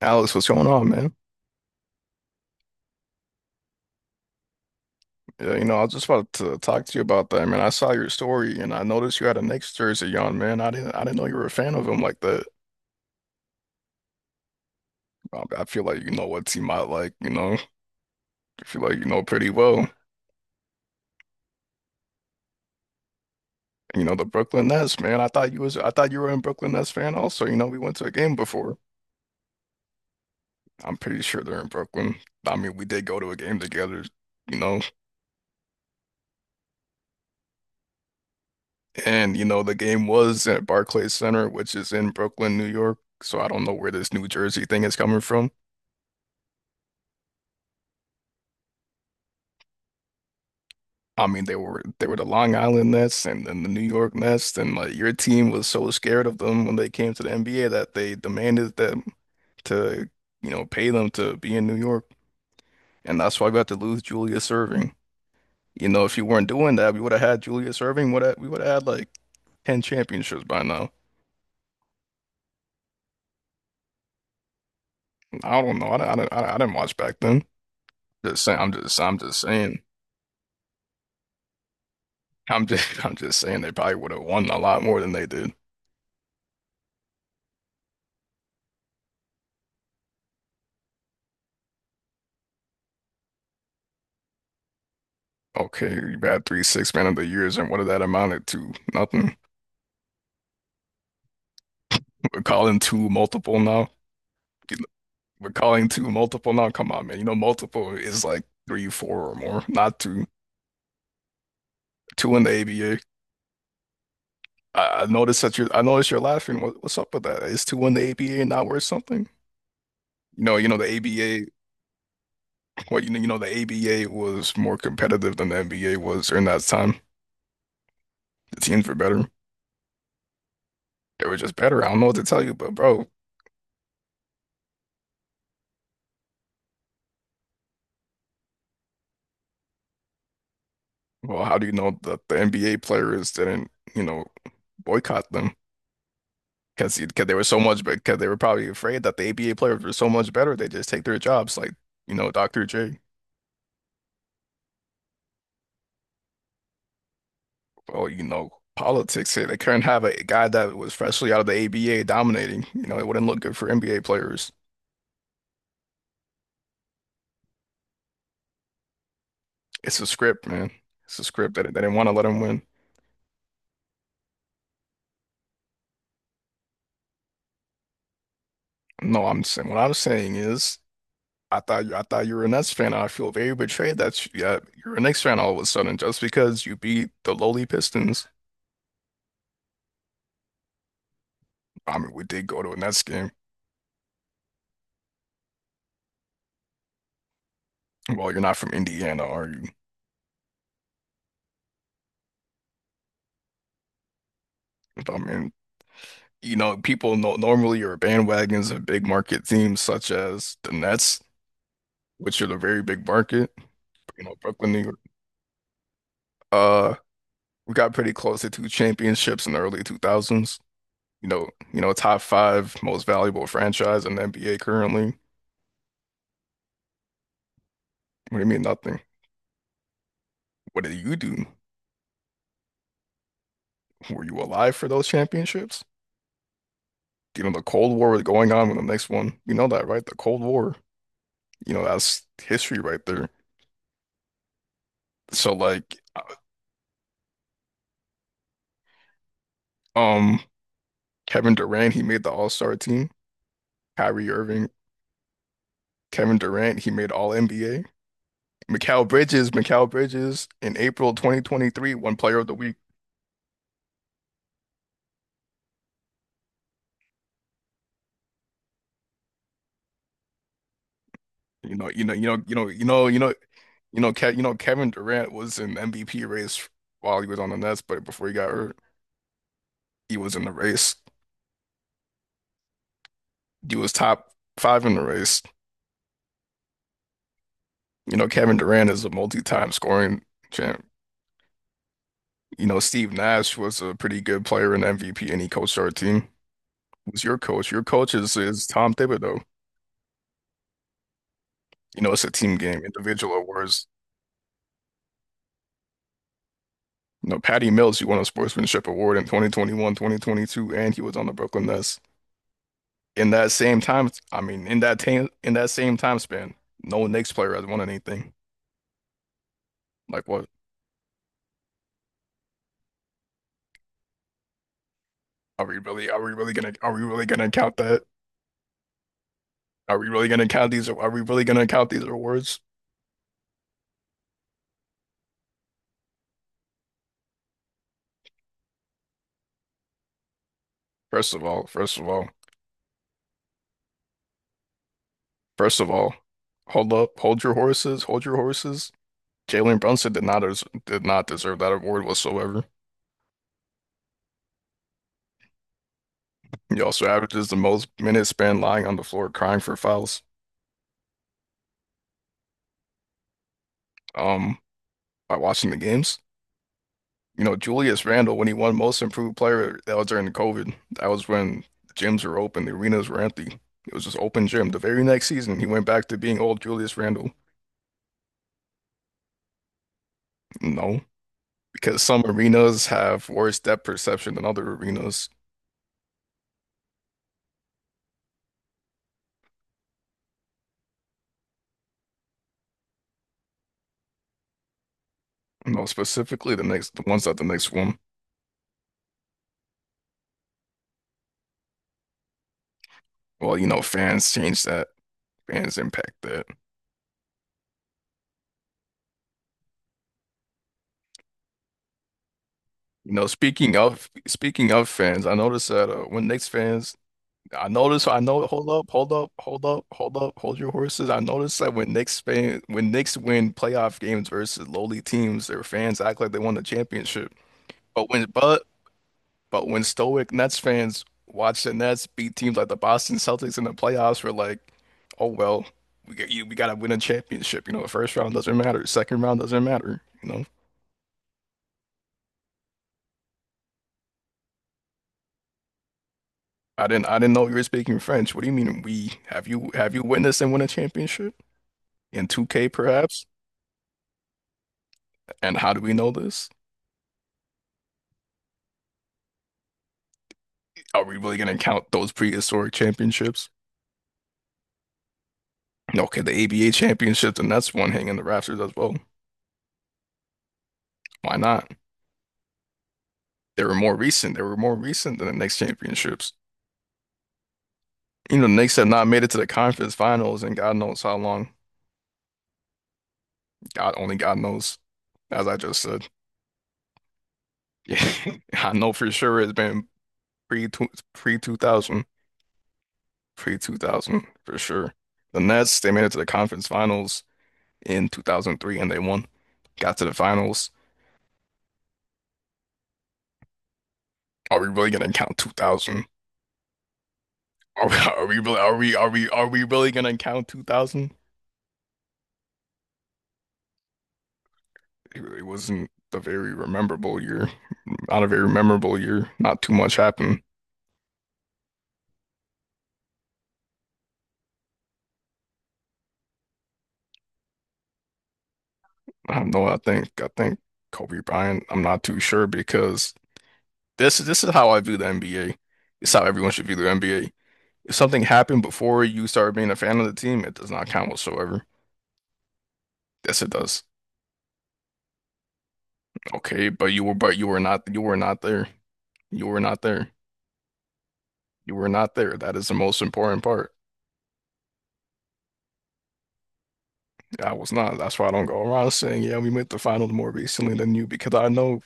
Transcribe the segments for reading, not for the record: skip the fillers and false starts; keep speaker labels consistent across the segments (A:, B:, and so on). A: Alex, what's going on, man? Yeah, I was just about to talk to you about that, man. I saw your story and I noticed you had a Knicks jersey on, man. I didn't know you were a fan of him like that. I feel like you know what team I like. I feel like you know pretty well. You know the Brooklyn Nets, man. I thought you were a Brooklyn Nets fan also. We went to a game before. I'm pretty sure they're in Brooklyn. I mean, we did go to a game together, you know. And the game was at Barclays Center, which is in Brooklyn, New York. So I don't know where this New Jersey thing is coming from. I mean, they were the Long Island Nets and then the New York Nets, and like your team was so scared of them when they came to the NBA that they demanded them to, pay them to be in New York, and that's why we had to lose Julius Irving. If you weren't doing that, we would have had Julius Irving. Would we would have had like 10 championships by now. I don't know. I didn't watch back then. Just saying. I'm just saying. I'm just I'm just saying they probably would have won a lot more than they did. Okay, you had three six man of the years, and what did that amounted to? Nothing. We're calling two multiple now. We're calling two multiple now. Come on, man. Multiple is like three, four or more, not two. Two in the ABA. I noticed you're laughing. What's up with that? Is two in the ABA not worth something? You know, you know, the ABA, what The ABA was more competitive than the NBA was during that time. The teams were better. They were just better. I don't know what to tell you, but bro, well, how do you know that the NBA players didn't, boycott them? Because they were probably afraid that the ABA players were so much better, they just take their jobs. Like Dr. J, well, politics here. They couldn't have a guy that was freshly out of the ABA dominating. It wouldn't look good for NBA players. It's a script, man. It's a script that they didn't want to let him win. No, I'm saying what I'm saying is. I thought you were a Nets fan. I feel very betrayed that yeah, you're a Knicks fan all of a sudden just because you beat the lowly Pistons. I mean, we did go to a Nets game. Well, you're not from Indiana, are you? I mean, people no normally are bandwagons of big market teams such as the Nets, which are the very big market, Brooklyn, New York. Uh, we got pretty close to two championships in the early 2000s. Top five most valuable franchise in the NBA currently. What do you mean nothing? What did you do? Were you alive for those championships? The Cold War was going on when the next one. You know that, right? The Cold War. That's history right there. So like, um, Kevin Durant, he made the All-Star team. Kyrie Irving, Kevin Durant, he made All NBA. Mikal Bridges in April 2023, one player of the week. You know, you know, you know, Ke you know, Kevin Durant was in MVP race while he was on the Nets, but before he got hurt, he was in the race. He was top five in the race. Kevin Durant is a multi-time scoring champ. Steve Nash was a pretty good player and MVP, and he coached our team. Who's your coach? Your coach is Tom Thibodeau. It's a team game. Individual awards. No, Patty Mills, he won a sportsmanship award in 2021, 2022, and he was on the Brooklyn Nets. In that same time, I mean, in that time, in that same time span, no Knicks player has won anything. Like, what? Are we really? Are we really gonna? Are we really gonna count that? Are we really gonna count these? Are we really gonna count these awards? First of all, first of all, first of all, hold up, hold your horses. Jalen Brunson did not deserve that award whatsoever. He also averages the most minutes spent lying on the floor crying for fouls. Um. By watching the games. Julius Randle, when he won Most Improved Player, that was during COVID. That was when the gyms were open, the arenas were empty. It was just open gym. The very next season, he went back to being old Julius Randle. No, because some arenas have worse depth perception than other arenas. Specifically, the next, the ones that the next one. Well, fans change that. Fans impact that. Speaking of fans, I noticed that when Knicks fans. I noticed. I know. Hold up. Hold up. Hold up. Hold up. Hold your horses. I noticed that when Knicks win playoff games versus lowly teams, their fans act like they won the championship. But when but but when stoic Nets fans watch the Nets beat teams like the Boston Celtics in the playoffs, we're like, oh well, we get you. We gotta win a championship. The first round doesn't matter. Second round doesn't matter. I didn't. I didn't know you were speaking French. What do you mean we? Have you witnessed and won a championship in 2K perhaps? And how do we know this? Are we really gonna count those prehistoric championships? No, okay, the ABA championships, and that's one hanging in the rafters as well. Why not? They were more recent. They were more recent than the Knicks championships. The Knicks have not made it to the conference finals and God knows how long. God only God knows, as I just said. Yeah, I know for sure it's been pre pre two thousand, pre 2000 for sure. The Nets, they made it to the conference finals in 2003 and they won. Got to the finals. Are we really gonna count 2000? Are we really gonna count 2000? It really wasn't a very memorable year. Not a very memorable year. Not too much happened. I don't know. I think Kobe Bryant. I'm not too sure because this is how I view the NBA. It's how everyone should view the NBA. If something happened before you started being a fan of the team, it does not count whatsoever. Yes, it does. Okay, but you were not there. You were not there. You were not there. That is the most important part. I was not. That's why I don't go around saying, yeah, we made the finals more recently than you, because I know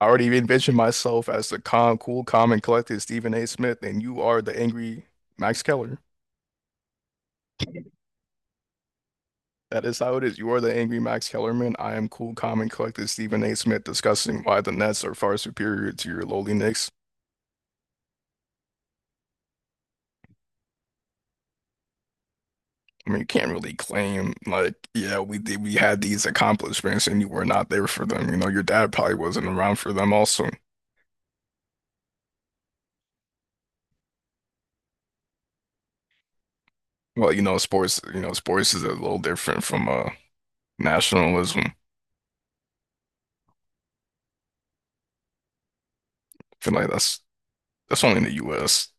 A: I already envision myself as the cool, calm, and collected Stephen A. Smith, and you are the angry Max Keller. That is how it is. You are the angry Max Kellerman. I am cool, calm, and collected Stephen A. Smith discussing why the Nets are far superior to your lowly Knicks. I mean, you can't really claim like, yeah, we had these accomplishments and you were not there for them. Your dad probably wasn't around for them also. Well, sports is a little different from nationalism. I feel like that's only in the U.S.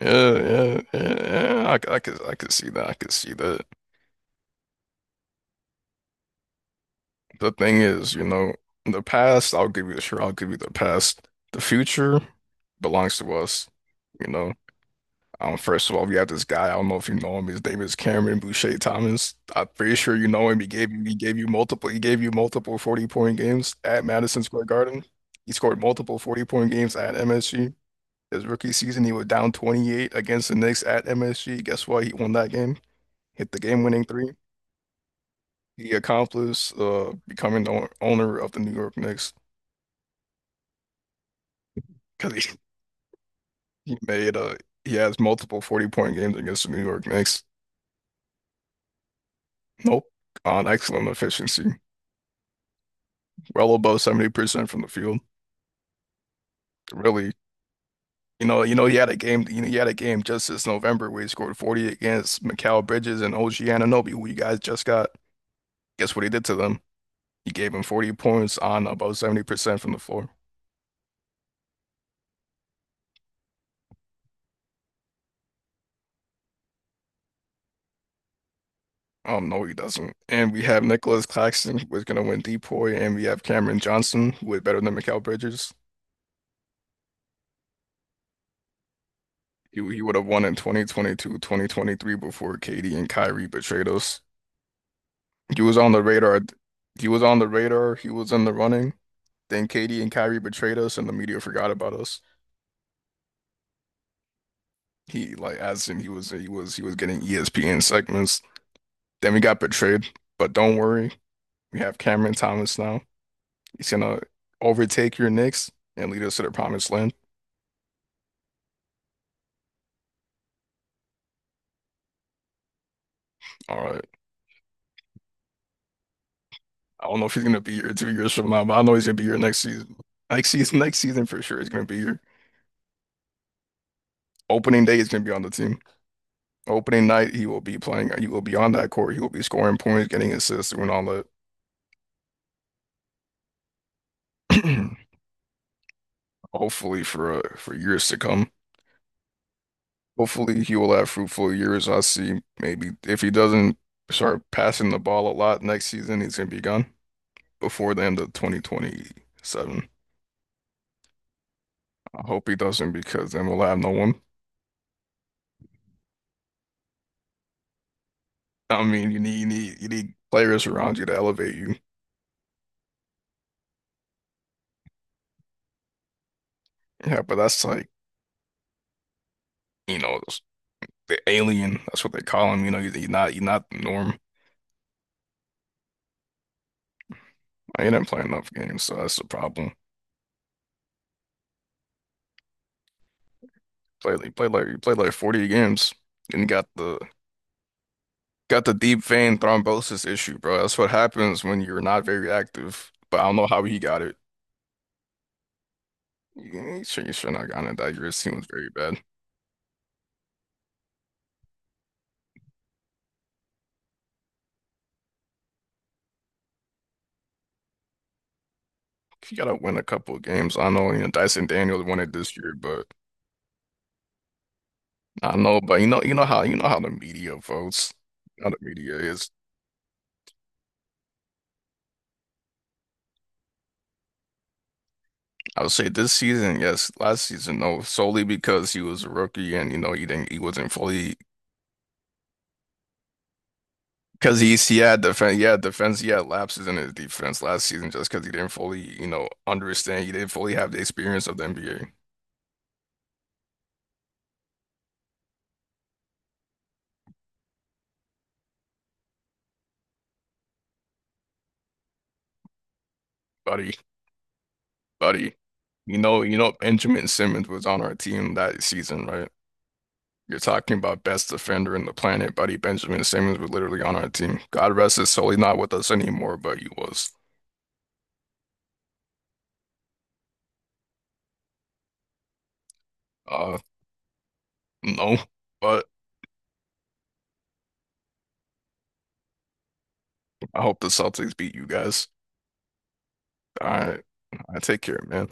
A: Yeah, yeah, yeah, yeah. I could see that. I could see that. The thing is, the past, I'll give you sure, I'll give you the past. The future belongs to us, you know. First of all, we have this guy. I don't know if you know him. His name is Cameron Boucher Thomas. I'm pretty sure you know him. He gave you multiple 40 point games at Madison Square Garden. He scored multiple 40 point games at MSG. His rookie season, he was down 28 against the Knicks at MSG. Guess what? He won that game, hit the game-winning three. He accomplished becoming the owner of the New York Knicks because he made he has multiple 40-point games against the New York Knicks. Nope, on excellent efficiency, well above 70% from the field. Really, he had a game. He had a game just this November where he scored 40 against Mikal Bridges and OG Anunoby, who you guys just got. Guess what he did to them? He gave him 40 points on about 70% from the floor. No, he doesn't. And we have Nicholas Claxton, who is going to win DPOY, and we have Cameron Johnson, who is better than Mikal Bridges. He would have won in 2022, 2023 before KD and Kyrie betrayed us. He was on the radar. He was on the radar. He was in the running. Then KD and Kyrie betrayed us, and the media forgot about us. He like, as in he was getting ESPN segments. Then we got betrayed. But don't worry, we have Cameron Thomas now. He's gonna overtake your Knicks and lead us to the promised land. All right. I don't know if he's gonna be here 2 years from now, but I know he's gonna be here next season. Next season, next season for sure, he's gonna be here. Opening day, he's gonna be on the team. Opening night, he will be playing. He will be on that court. He will be scoring points, getting assists, doing all that. Hopefully for years to come. Hopefully he will have fruitful years. I see. Maybe if he doesn't start passing the ball a lot next season, he's gonna be gone before the end of 2027. I hope he doesn't because then we'll have no one. I mean, you need players around you to elevate you. Yeah, but that's like, you know the alien. That's what they call him. You're not the norm. I ain't playing enough games, so that's the problem. Play he played like 40 games and he got the deep vein thrombosis issue, bro. That's what happens when you're not very active. But I don't know how he got it. He should not gotten it that year. His team was very bad. You gotta win a couple of games. I know, Dyson Daniels won it this year, but. I know, but you know how the media votes, how the media is. I would say this season, yes, last season, no, solely because he was a rookie and he wasn't fully because he had defense, yeah, defense, he had lapses in his defense last season just because he didn't fully, understand, he didn't fully have the experience of the NBA, buddy, buddy. Benjamin Simmons was on our team that season, right? You're talking about best defender in the planet, buddy. Benjamin Simmons was literally on our team. God rest his soul. He's not with us anymore, but he was. Uh, no. But I hope the Celtics beat you guys. All right. I take care, man.